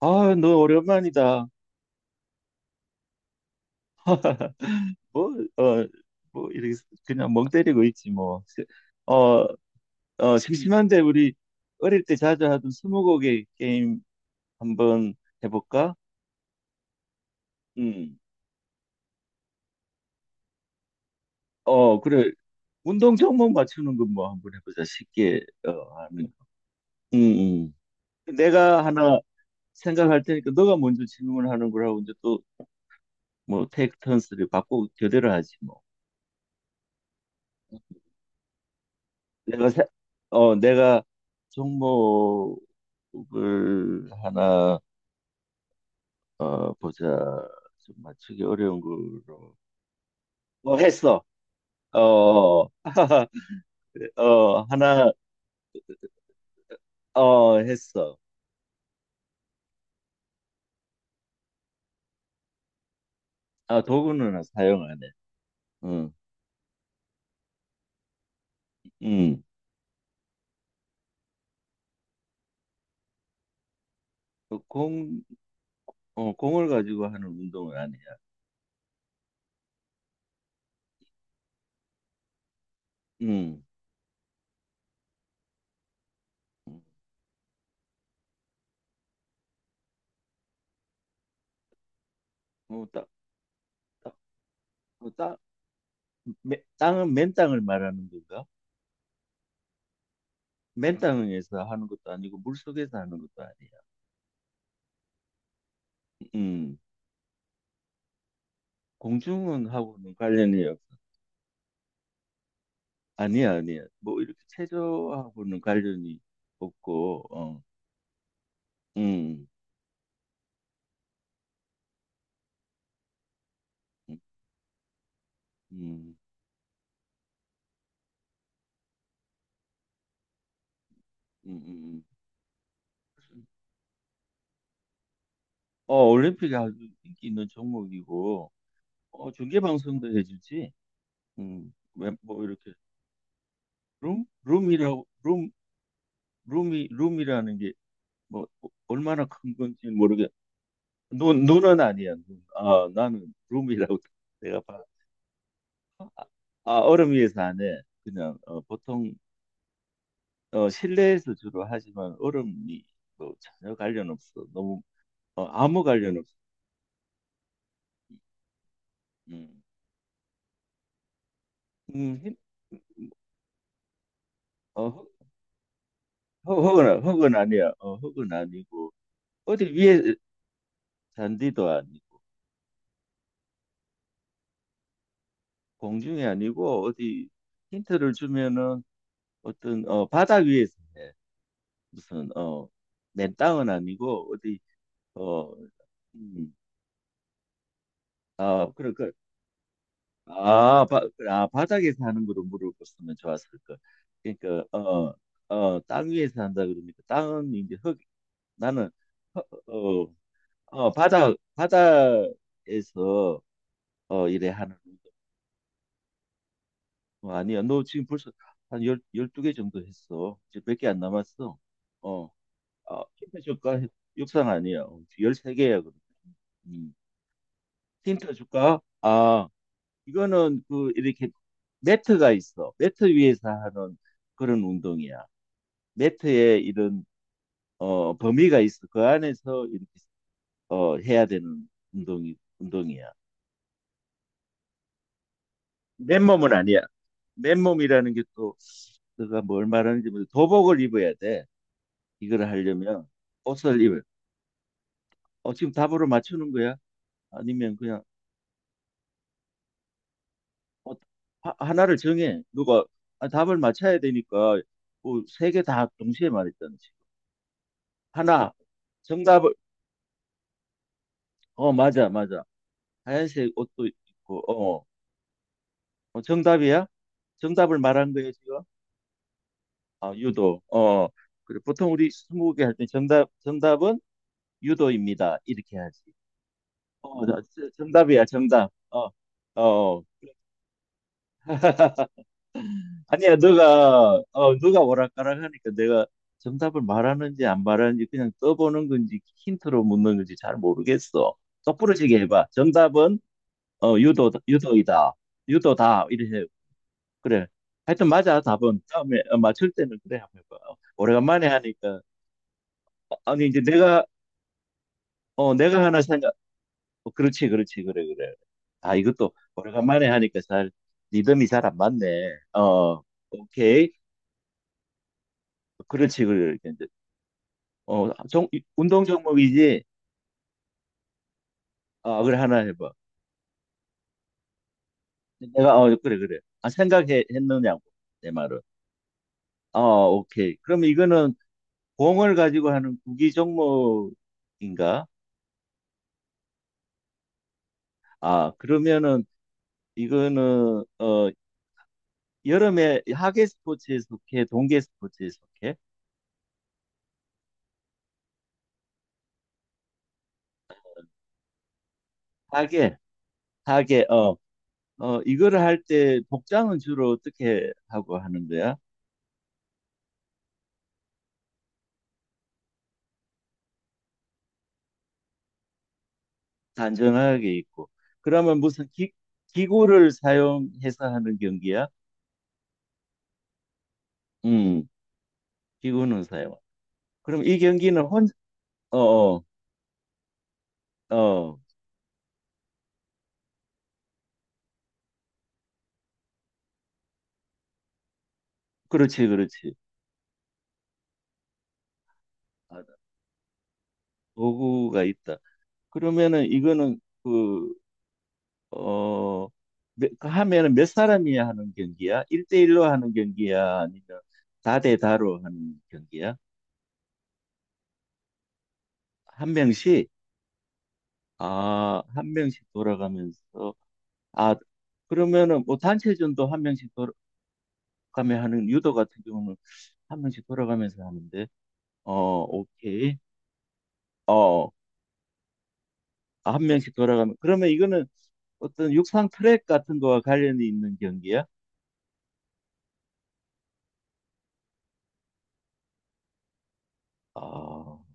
아, 너 오랜만이다. 뭐, 어, 뭐, 이렇게 그냥 멍 때리고 있지, 뭐. 어, 어, 심심한데 우리 어릴 때 자주 하던 스무고개 게임 한번 해볼까? 음, 어, 그래. 운동 종목 맞추는 건 뭐 한번 해보자. 쉽게, 하면. 음, 내가 하나 생각할 테니까 너가 먼저 질문하는 거라고 이제 또 뭐 테이크 턴스를 바꾸고 교대로 하지, 뭐. 내가 세- 내가 종목을 하나 보자 좀 맞추기 어려운 걸로 어 했어 어어 하나 어 했어. 아, 도구는 사용 안 해. 응. 응. 어, 공, 어, 공을 가지고 하는 운동은 아니야. 응. 응. 어, 딱, 딱, 딱, 땅은 맨 땅을 말하는 건가? 맨 땅에서 하는 것도 아니고 물 속에서 하는 것도 아니야. 응. 공중은하고는 관련이 없어. 아니야, 아니야. 뭐 이렇게 체조하고는 관련이 없고, 음, 음, 음, 음, 음. 올림픽이 아주 인기 있는 종목이고, 어, 중계 방송도 해주지. 왜, 뭐 이렇게 룸, 룸이라고, 룸, 룸이, 룸이라는 게 뭐 얼마나 큰 건지 모르겠. 눈은 아니야. 눈. 아, 나는 룸이라고 내가 봐. 아, 얼음 위에서 안 해. 보통 실내에서 주로 하지만 얼음이 뭐 전혀 관련 없어. 너무 아무 관련 없어. 음, 음, 힘- 어, 흙- 흙은 아니야. 흙은 아니고 어디 위에 잔디도 아니고 공중이 아니고 어디 힌트를 주면은 어떤 바닥 위에서 해. 무슨 맨 땅은 아니고 어, 음, 아, 그래. 아, 바, 아, 바닥에 서 하는 거를 물어봤으면 좋았을 걸. 그러니까 어, 땅 위에 서 한다 그러니까 땅은 이제 흙 나는 흙, 어, 바닥에서 이래 하는 거. 어, 아니야. 너 지금 벌써 한 열, 12개 정도 했어. 이제 몇 개 안 남았어. 어. 아, 힌트 줄까? 육상 아니야. 열 13개야 그럼. 음. 힌트 줄까? 아, 이거는 그 이렇게 매트가 있어. 매트 위에서 하는 그런 운동이야. 매트에 이런 범위가 있어. 그 안에서 이렇게 해야 되는 운동이야. 맨몸은 아니야. 맨몸이라는 게 또 내가 뭘 말하는지 모르 도복을 입어야 돼. 이걸 하려면 옷을 입어. 어 지금 답으로 맞추는 거야? 아니면 그냥 어, 하나를 정해. 누가 아, 답을 맞춰야 되니까 뭐세개 다 동시에 말했잖아. 하나 정답을 어 맞아 맞아 하얀색 옷도 있고 어, 어, 정답이야. 정답을 말한 거예요, 지금. 아 유도 어 어. 그래, 보통 우리 스무고개 할 때 정답은 유도입니다 이렇게 하지. 진짜 정답이야 정답 어어 아니야, 너가, 너가 오락가락 하니까 내가 정답을 말하는지 안 말하는지 그냥 떠보는 건지 힌트로 묻는 건지 잘 모르겠어. 똑부러지게 해봐. 정답은, 어, 유도이다. 유도다. 이래. 해. 그래. 하여튼 맞아, 답은. 다음에 어, 맞출 때는 그래 한번 해봐. 어, 오래간만에 하니까. 어, 아니, 이제 내가, 어, 내가 하나 생각, 어, 그래, 그래. 아, 이것도 오래간만에 하니까 잘, 리듬이 잘 안 맞네. 어, 오케이. 그렇지, 그래. 어, 종, 운동 종목이지. 어, 그래, 하나 해봐. 내가, 어, 그래. 아, 생각 했느냐고, 내 말은. 어, 오케이. 그럼 이거는 공을 가지고 하는 구기 종목인가? 아, 그러면은, 이거는, 어, 여름에 하계 스포츠에 속해, 동계 스포츠에 속해? 하계, 하계, 어, 어, 이거를 할 때 복장은 주로 어떻게 하고 하는 거야? 단정하게 입고. 그러면 기구를 사용해서 하는 경기야? 음, 비구는 사용. 그럼 이 경기는 혼, 어, 어, 어, 그렇지. 아, 도구가 있다. 그러면은 이거는 그, 어, 몇- 그 하면은 몇 사람이 하는 경기야? 일대일로 하는 경기야? 아니면 다대다로 하는 경기야? 한 명씩? 아, 한 명씩 돌아가면서. 아, 그러면은 뭐 단체전도 한 명씩 돌아가며 하는 유도 같은 경우는 한 명씩 돌아가면서 하는데. 어, 오케이. 어, 어. 아, 한 명씩 돌아가면 그러면 이거는 어떤 육상 트랙 같은 거와 관련이 있는 경기야? 아,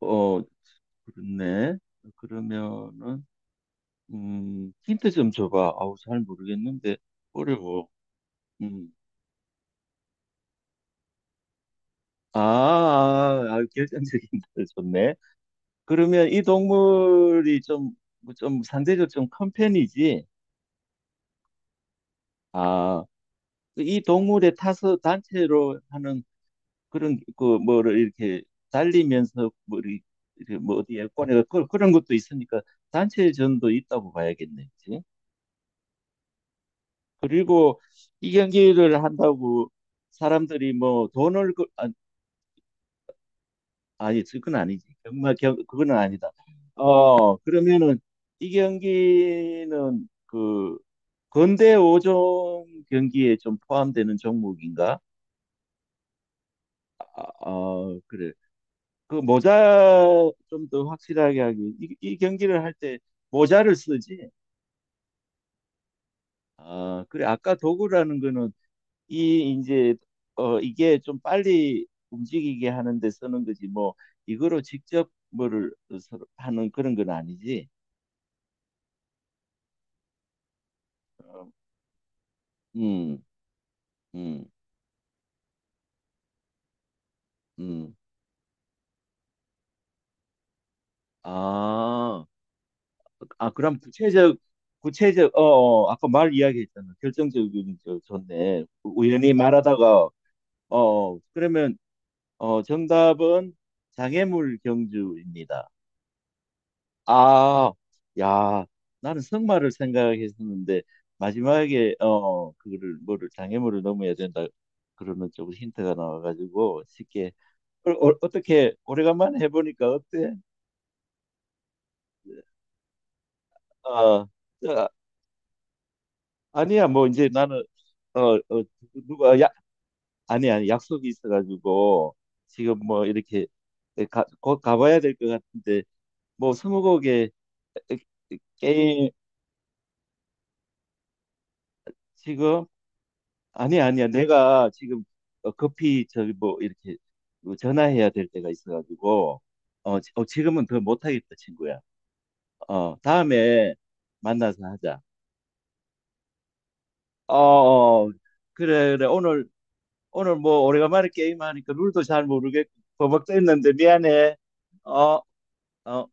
어, 그렇네. 그러면은 힌트 좀 줘봐. 아우 잘 모르겠는데 어려워. 음. 아, 아, 아, 결정적인 힌트 좋네. 그러면 이 동물이 좀, 뭐좀 상대적으로 좀 큰 편이지. 아, 이 동물의 타서 단체로 하는 그런 그 뭐를 이렇게 달리면서 뭐 이렇게 뭐 어디에 꺼내가 그, 그런 것도 있으니까 단체전도 있다고 봐야겠네. 그치? 그리고 이 경기를 한다고 사람들이 뭐 돈을 그, 아, 아니 그건 아니지. 정말 겨, 그거는 아니다. 어 그러면은 이 경기는 그 근대 5종 경기에 좀 포함되는 종목인가? 아, 어 그래. 그 모자 좀 더 확실하게 하기. 이 경기를 할 때 모자를 쓰지. 아, 그래. 아까 도구라는 거는 이 이제 이게 좀 빨리 움직이게 하는데 쓰는 거지. 뭐 이거로 직접 뭐를 서로 하는 그런 건 아니지. 어, 음, 음, 음. 아, 아 그럼 구체적 어 아까 말 이야기했잖아. 결정적인 저 좋네. 우연히 말하다가 어 그러면 어, 정답은 장애물 경주입니다. 아, 야, 나는 승마를 생각했었는데 마지막에 어 그거를 뭐를 장애물을 넘어야 된다 그러는 쪽으로 힌트가 나와가지고 쉽게 떻게 오래간만에 해보니까 어때? 아, 아, 아니야 뭐 이제 나는 어, 어 누가 야 아니 약속이 있어가지고 지금 뭐 이렇게 가, 곧 가봐야 될 것 같은데 뭐 스무고개 게임 지금 아니야. 내가 지금 급히 저기 뭐 이렇게 뭐 전화해야 될 때가 있어가지고 어, 지금은 더 못하겠다, 친구야. 어, 다음에 만나서 하자. 어, 어, 그래. 오늘 뭐 오래간만에 게임하니까 룰도 잘 모르겠고 버벅 했는데 미안해. 어, 어.